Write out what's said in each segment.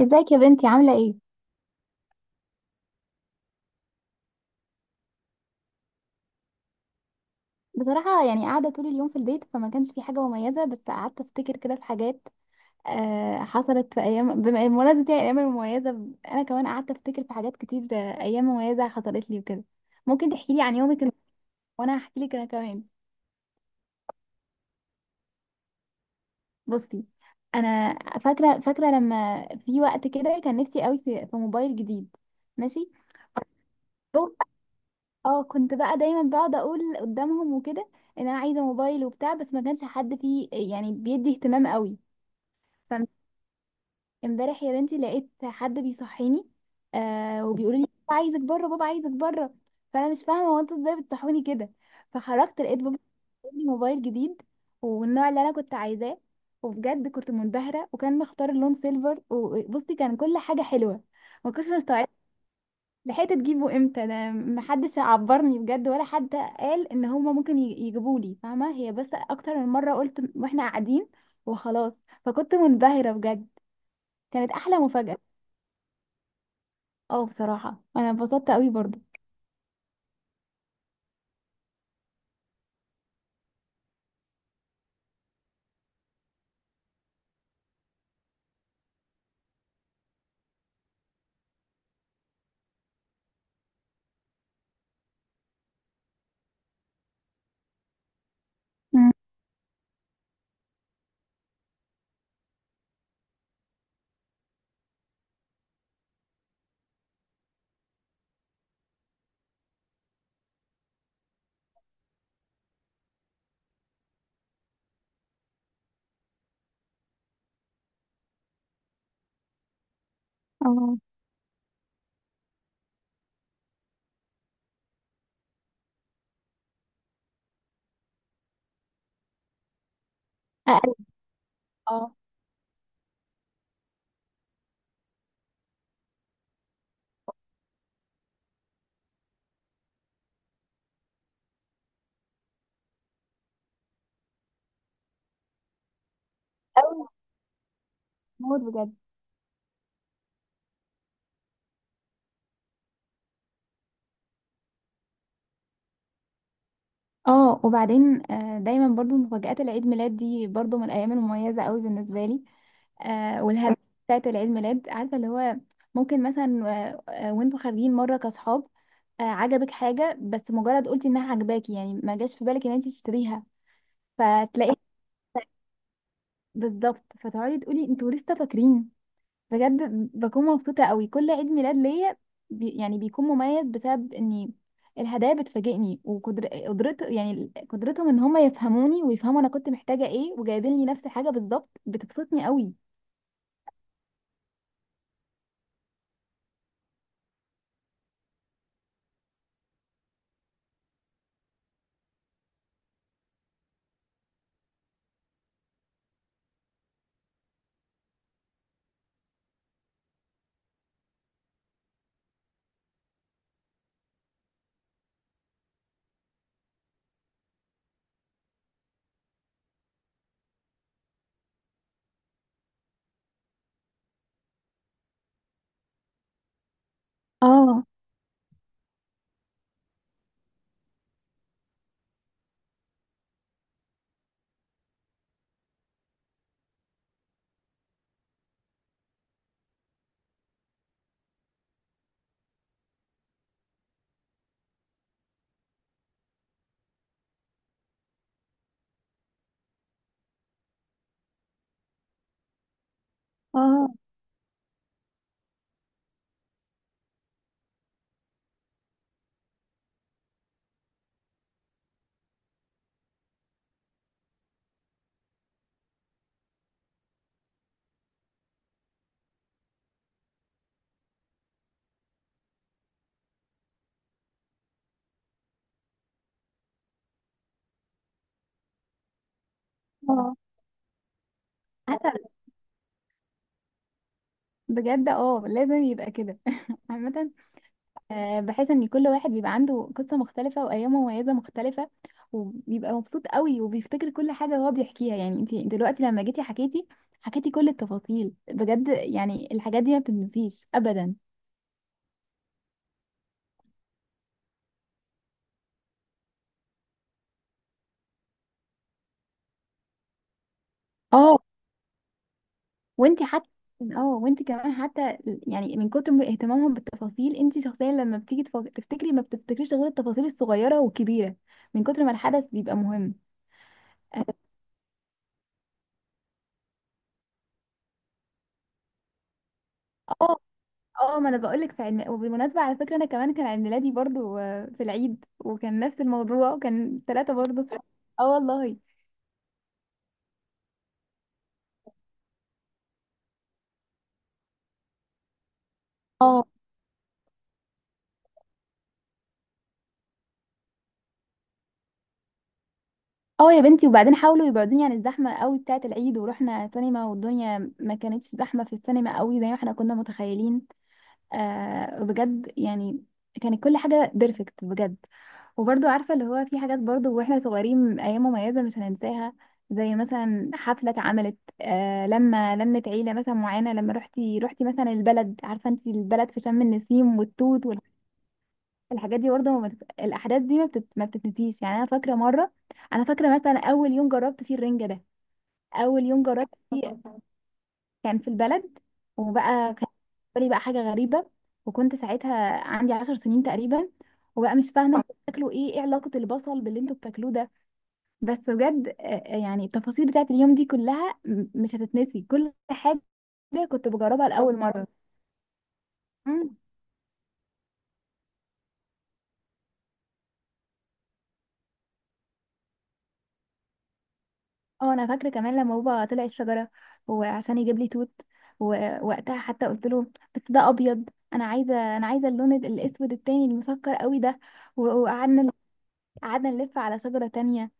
ازيك يا بنتي عاملة ايه؟ بصراحة يعني قاعدة طول اليوم في البيت فما كانش في حاجة مميزة، بس قعدت افتكر كده في حاجات. حصلت في ايام بمناسبة يعني الايام المميزة انا كمان قعدت افتكر في حاجات كتير. ايام مميزة حصلت لي وكده. ممكن تحكي لي عن يومك؟ وانا هحكي لك انا كمان. بصي. انا فاكرة لما في وقت كده كان نفسي قوي في موبايل جديد. ماشي. بقول- اه، كنت بقى دايما بقعد اقول قدامهم وكده ان انا عايزة موبايل وبتاع، بس ما كانش حد فيه يعني بيدي اهتمام قوي. فامبارح يا بنتي لقيت حد بيصحيني. وبيقول لي بابا عايزك بره، بابا عايزك بره. فانا مش فاهمه هو انتوا ازاي بتصحوني كده. فخرجت لقيت بابا جايب لي موبايل جديد، والنوع اللي انا كنت عايزاه، وبجد كنت منبهره وكان مختار اللون سيلفر، وبصي كان كل حاجه حلوه. ما كنتش مستوعبه لحقت تجيبه امتى. ده محدش عبرني بجد، ولا حد قال ان هما ممكن يجيبوا لي، فاهمه هي؟ بس اكتر من مره قلت واحنا قاعدين. وخلاص. فكنت منبهره بجد. كانت احلى مفاجاه. اه، بصراحة انا اتبسطت قوي برضو. مم. اه. أقل. اه. أوي. موت بجد. اه. وبعدين، دايما برضو مفاجآت العيد ميلاد دي برضو من الايام المميزة قوي بالنسبة لي. والهدايا بتاعت العيد ميلاد، عارفة اللي هو ممكن مثلا وانتوا خارجين مرة كاصحاب، عجبك حاجة، بس مجرد قلتي انها عجباكي يعني ما جاش في بالك ان انت تشتريها، فتلاقي بالظبط، فتقعدي تقولي انتوا لسه فاكرين. بجد بكون مبسوطة قوي كل عيد ميلاد ليا. يعني بيكون مميز بسبب اني الهدايا بتفاجئني وقدر قدرت يعني قدرتهم ان هما يفهموني ويفهموا انا كنت محتاجة ايه، وجايبين لي نفس الحاجة بالظبط. بتبسطني قوي. اه. اه. اه. عسل. بجد. اه، لازم يبقى كده عامة. بحيث ان كل واحد بيبقى عنده قصة مختلفة وايام مميزة مختلفة، وبيبقى مبسوط قوي وبيفتكر كل حاجة هو بيحكيها. يعني انت دلوقتي لما جيتي حكيتي كل التفاصيل. بجد يعني الحاجات دي ما بتنسيش ابدا. اه. وانت حتى. اه، وانت كمان حتى، يعني من كتر من اهتمامهم بالتفاصيل انت شخصيا لما بتيجي تفتكري، ما بتفتكريش غير التفاصيل الصغيرة والكبيرة من كتر ما الحدث بيبقى مهم. اه. اه، ما انا بقولك في علم. وبالمناسبة على فكرة انا كمان كان عيد ميلادي برضو في العيد، وكان نفس الموضوع، وكان ثلاثة برضو صح؟ اه والله. اه. اه يا بنتي، وبعدين حاولوا يبعدوني عن الزحمة قوي بتاعة العيد، ورحنا سينما والدنيا ما كانتش زحمة في السينما قوي زي ما احنا كنا متخيلين. بجد يعني كانت كل حاجة بيرفكت بجد. وبرضو عارفة اللي هو في حاجات برضو واحنا صغيرين أيام مميزة مش هننساها، زي مثلا حفلة اتعملت لما لمت عيلة مثلا معينة، لما روحتي مثلا البلد، عارفة انت البلد في شم النسيم والتوت والحاجات دي برضو. ما بت... الأحداث دي ما بتتنسيش. يعني أنا فاكرة مرة، أنا فاكرة مثلا أول يوم جربت فيه الرنجة ده، أول يوم جربت. كان في البلد. وبقى كان بالنسبة لي بقى حاجة غريبة. وكنت ساعتها عندي 10 سنين تقريبا. وبقى مش فاهمة انتوا بتاكلوا ايه، ايه علاقة البصل باللي انتوا بتاكلوه ده؟ بس بجد يعني التفاصيل بتاعت اليوم دي كلها مش هتتنسي كل حاجة كنت بجربها لأول مرة. مم. اه، انا فاكرة كمان لما بابا طلع الشجرة وعشان يجيب لي توت، ووقتها حتى قلت له بس ده ابيض، انا عايزة اللون الاسود التاني المسكر قوي ده. وقعدنا، قعدنا نلف على شجرة تانية،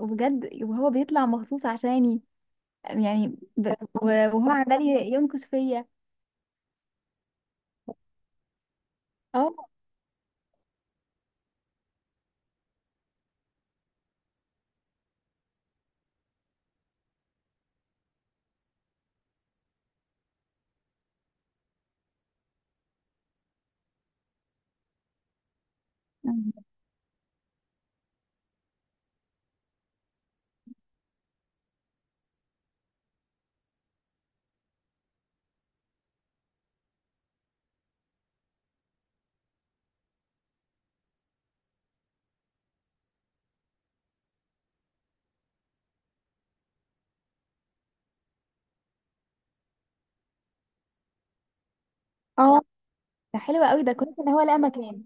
وبجد وهو بيطلع مخصوص عشاني، يعني. ب... وهو عمال ينكش فيا. اه. اه، ده حلو قوي، ده كويس ان هو لقى مكان.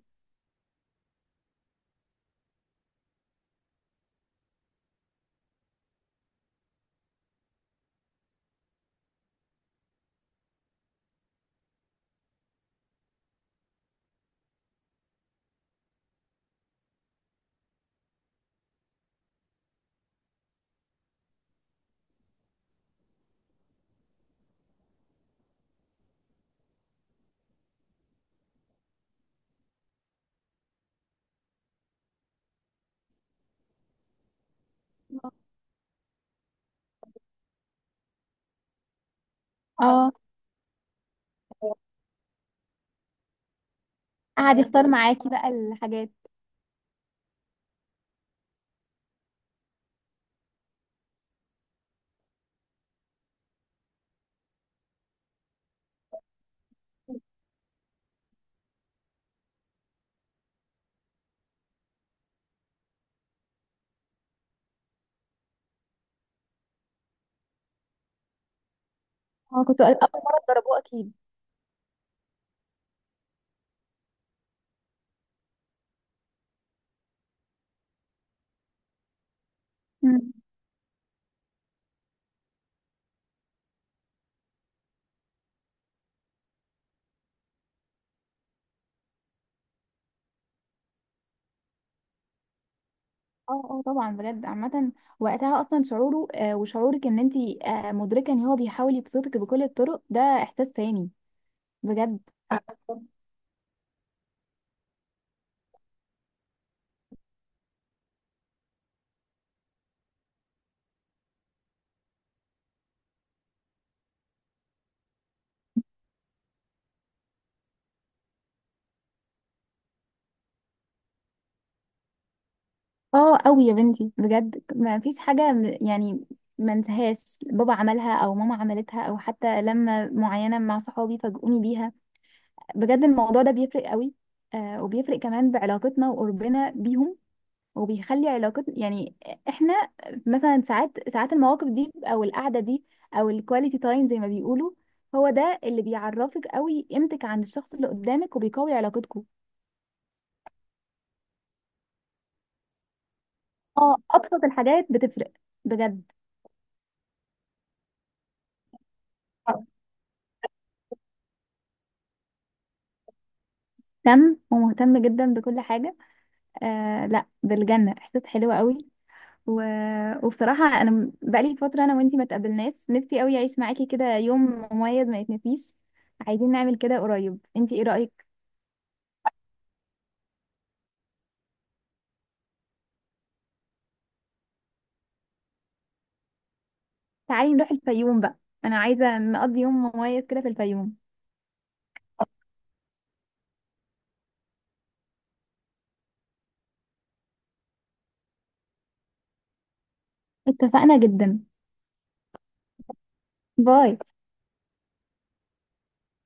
اه، قعد يختار معاكي بقى الحاجات. اه، كنت اول مره اتضربوه اكيد. مم. اه. اه طبعا بجد عامة. وقتها اصلا شعوره وشعورك ان انت مدركة ان هو بيحاول يبسطك بكل الطرق ده احساس تاني. بجد. اه قوي يا بنتي بجد، ما فيش حاجة يعني ما انساهاش بابا عملها او ماما عملتها، او حتى لما معينة مع صحابي فاجئوني بيها. بجد الموضوع ده بيفرق قوي. وبيفرق كمان بعلاقتنا وقربنا بيهم، وبيخلي علاقتنا يعني احنا مثلا ساعات المواقف دي او القعده دي، او الكواليتي تايم زي ما بيقولوا، هو ده اللي بيعرفك قوي قيمتك عند الشخص اللي قدامك، وبيقوي علاقتكم. اه، ابسط الحاجات بتفرق بجد. آه. مهتم ومهتم جدا بكل حاجه. آه، لا، بالجنه، احساس حلو قوي. و... وبصراحه انا بقالي فتره انا وانتي ما تقابلناش، نفسي قوي اعيش معاكي كده يوم مميز ما يتنسيش. عايزين نعمل كده قريب، انتي ايه رايك؟ تعالي نروح الفيوم بقى، انا عايزة نقضي يوم مميز كده في الفيوم. اتفقنا جدا. باي.